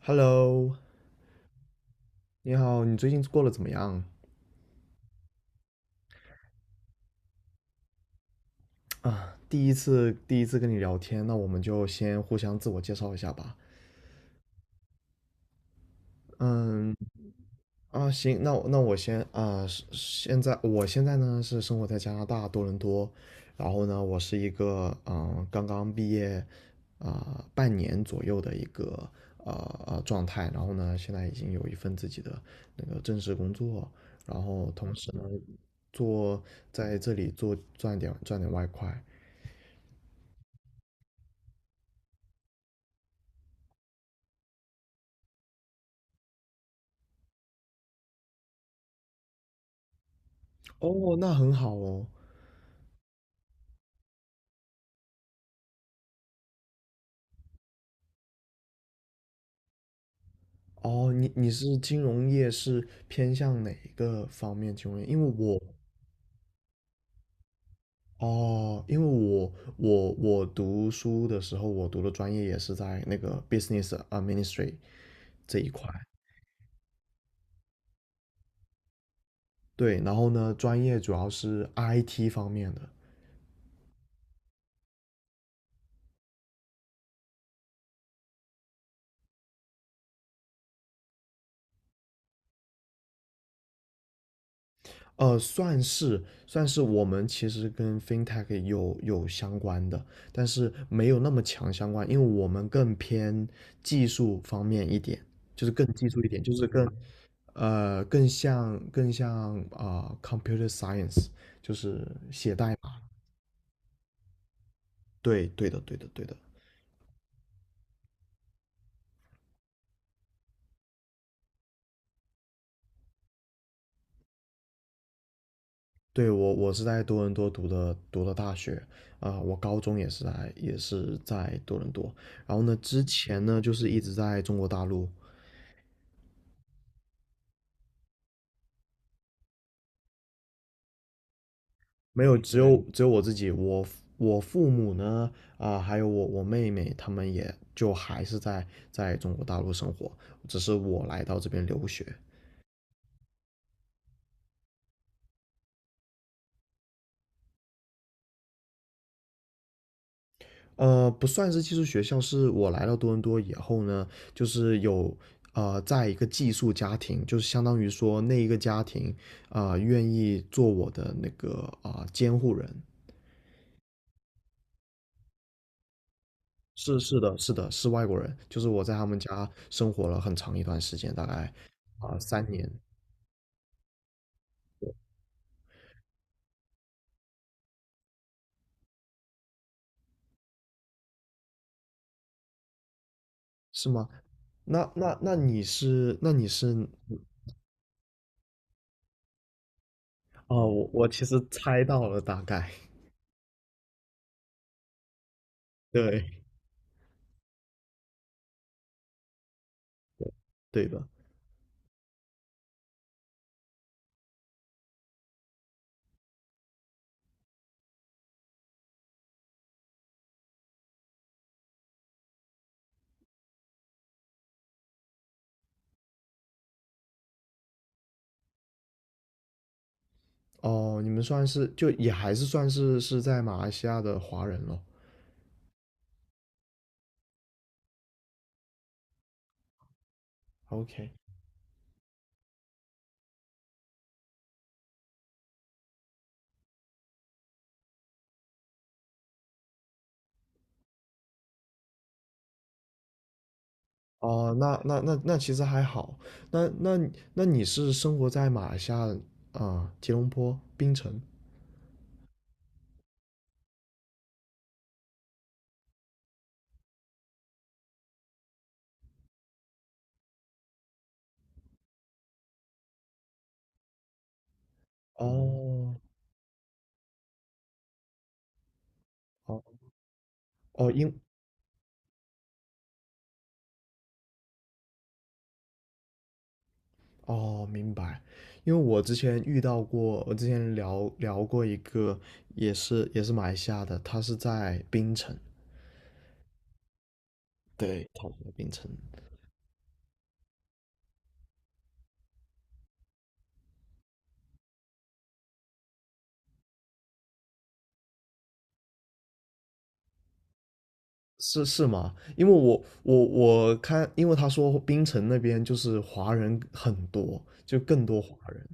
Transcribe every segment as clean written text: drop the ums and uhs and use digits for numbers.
Hello，你好，你最近过得怎么样啊？第一次跟你聊天，那我们就先互相自我介绍一下吧。嗯，啊，行，那我先啊，是现在我现在呢是生活在加拿大多伦多，然后呢，我是一个刚刚毕业半年左右的一个呃状态，然后呢，现在已经有一份自己的那个正式工作，然后同时呢做在这里做赚点外快，哦，那很好哦。哦，你是金融业是偏向哪一个方面金融业？因为我哦，因为我读书的时候，我读的专业也是在那个 business Aministry 这一块。对，然后呢，专业主要是 IT 方面的，算是我们其实跟 fintech 有相关的，但是没有那么强相关，因为我们更偏技术方面一点，就是更技术一点，就是更像computer science，就是对对的对的对的。对，我是在多伦多读的大学我高中也是在多伦多，然后呢，之前呢就是一直在中国大陆，没有只有我自己，我父母呢还有我妹妹，他们也就还是在中国大陆生活，只是我来到这边留学，不算是寄宿学校，是我来到多伦多以后呢，就是有在一个寄宿家庭，就是相当于说那一个家庭愿意做我的那个监护人。是的，是的，是外国人，就是我在他们家生活了很长一段时间，大概3年，是吗？那你是哦，我其实猜到了大概，对对的，哦，你们算是就也还是是在马来西亚的华人咯。OK，哦，那其实还好。那你是生活在马来西亚吉隆坡槟城？哦哦哦，哦，明白，因为我之前遇到过，我之前聊过一个也是马来西亚的，他是在槟城，对，他是在槟城。是吗？因为我看，因为他说槟城那边就是华人很多，就更多华人。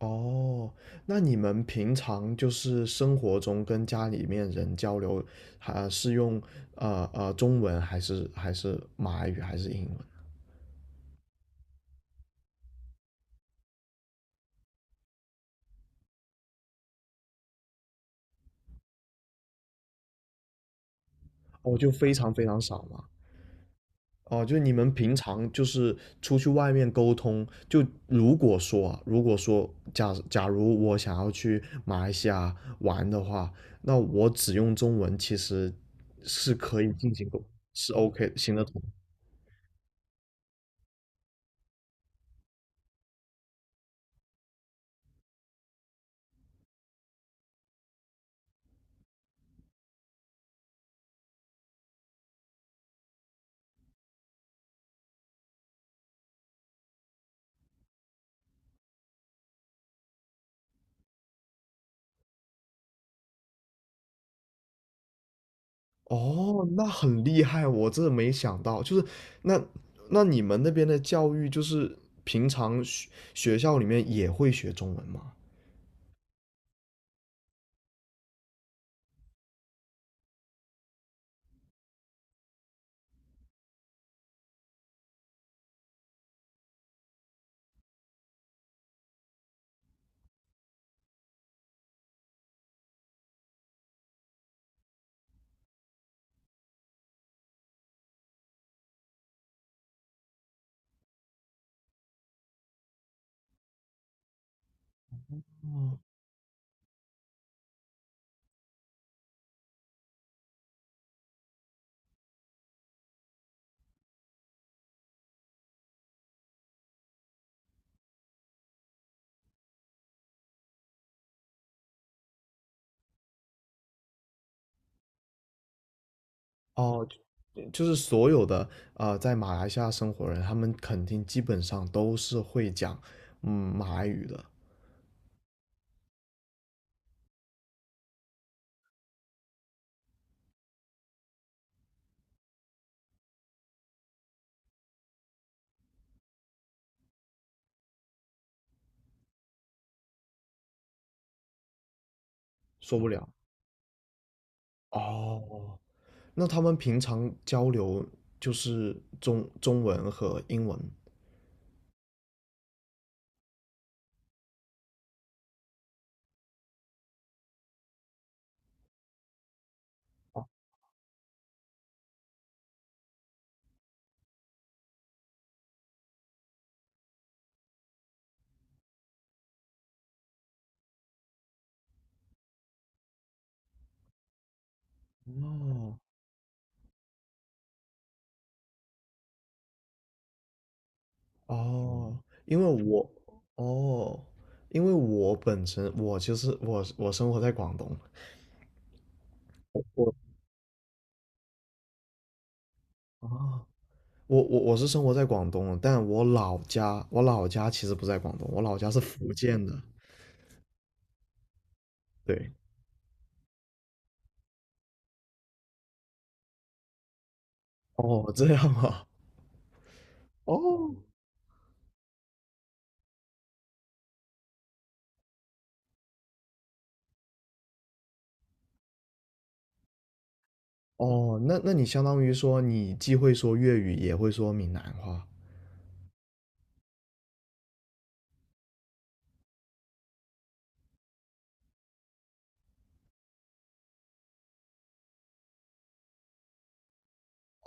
哦，那你们平常就是生活中跟家里面人交流，还是用中文还是马来语还是英文？哦，就非常非常少嘛。哦，就是你们平常就是出去外面沟通，就如果说啊，如果说假如我想要去马来西亚玩的话，那我只用中文其实是可以进行，是 OK 行得通。哦，那很厉害，我真的没想到，就是那那你们那边的教育就是平常学校里面也会学中文吗？哦，就是所有的在马来西亚生活人，他们肯定基本上都是会讲马来语的，说不了。哦，那他们平常交流就是中文和英文。哦哦，因为我哦，因为我本身，其实我生活在广东，我啊，我是生活在广东的但我老家其实不在广东，我老家是福建的。对，哦，这样啊，哦哦，那你相当于说你既会说粤语，也会说闽南话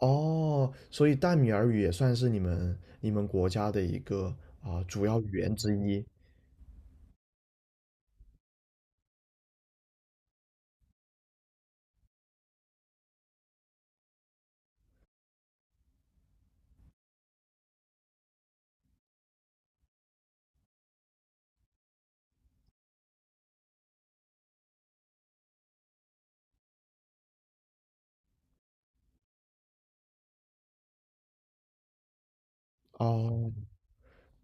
哦，所以淡米尔语也算是你们国家的一个主要语言之一哦。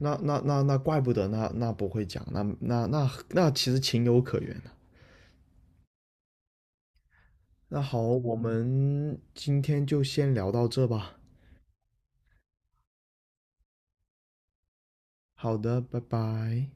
那怪不得那不会讲，那其实情有可原的。那好，我们今天就先聊到这吧。好的，拜拜。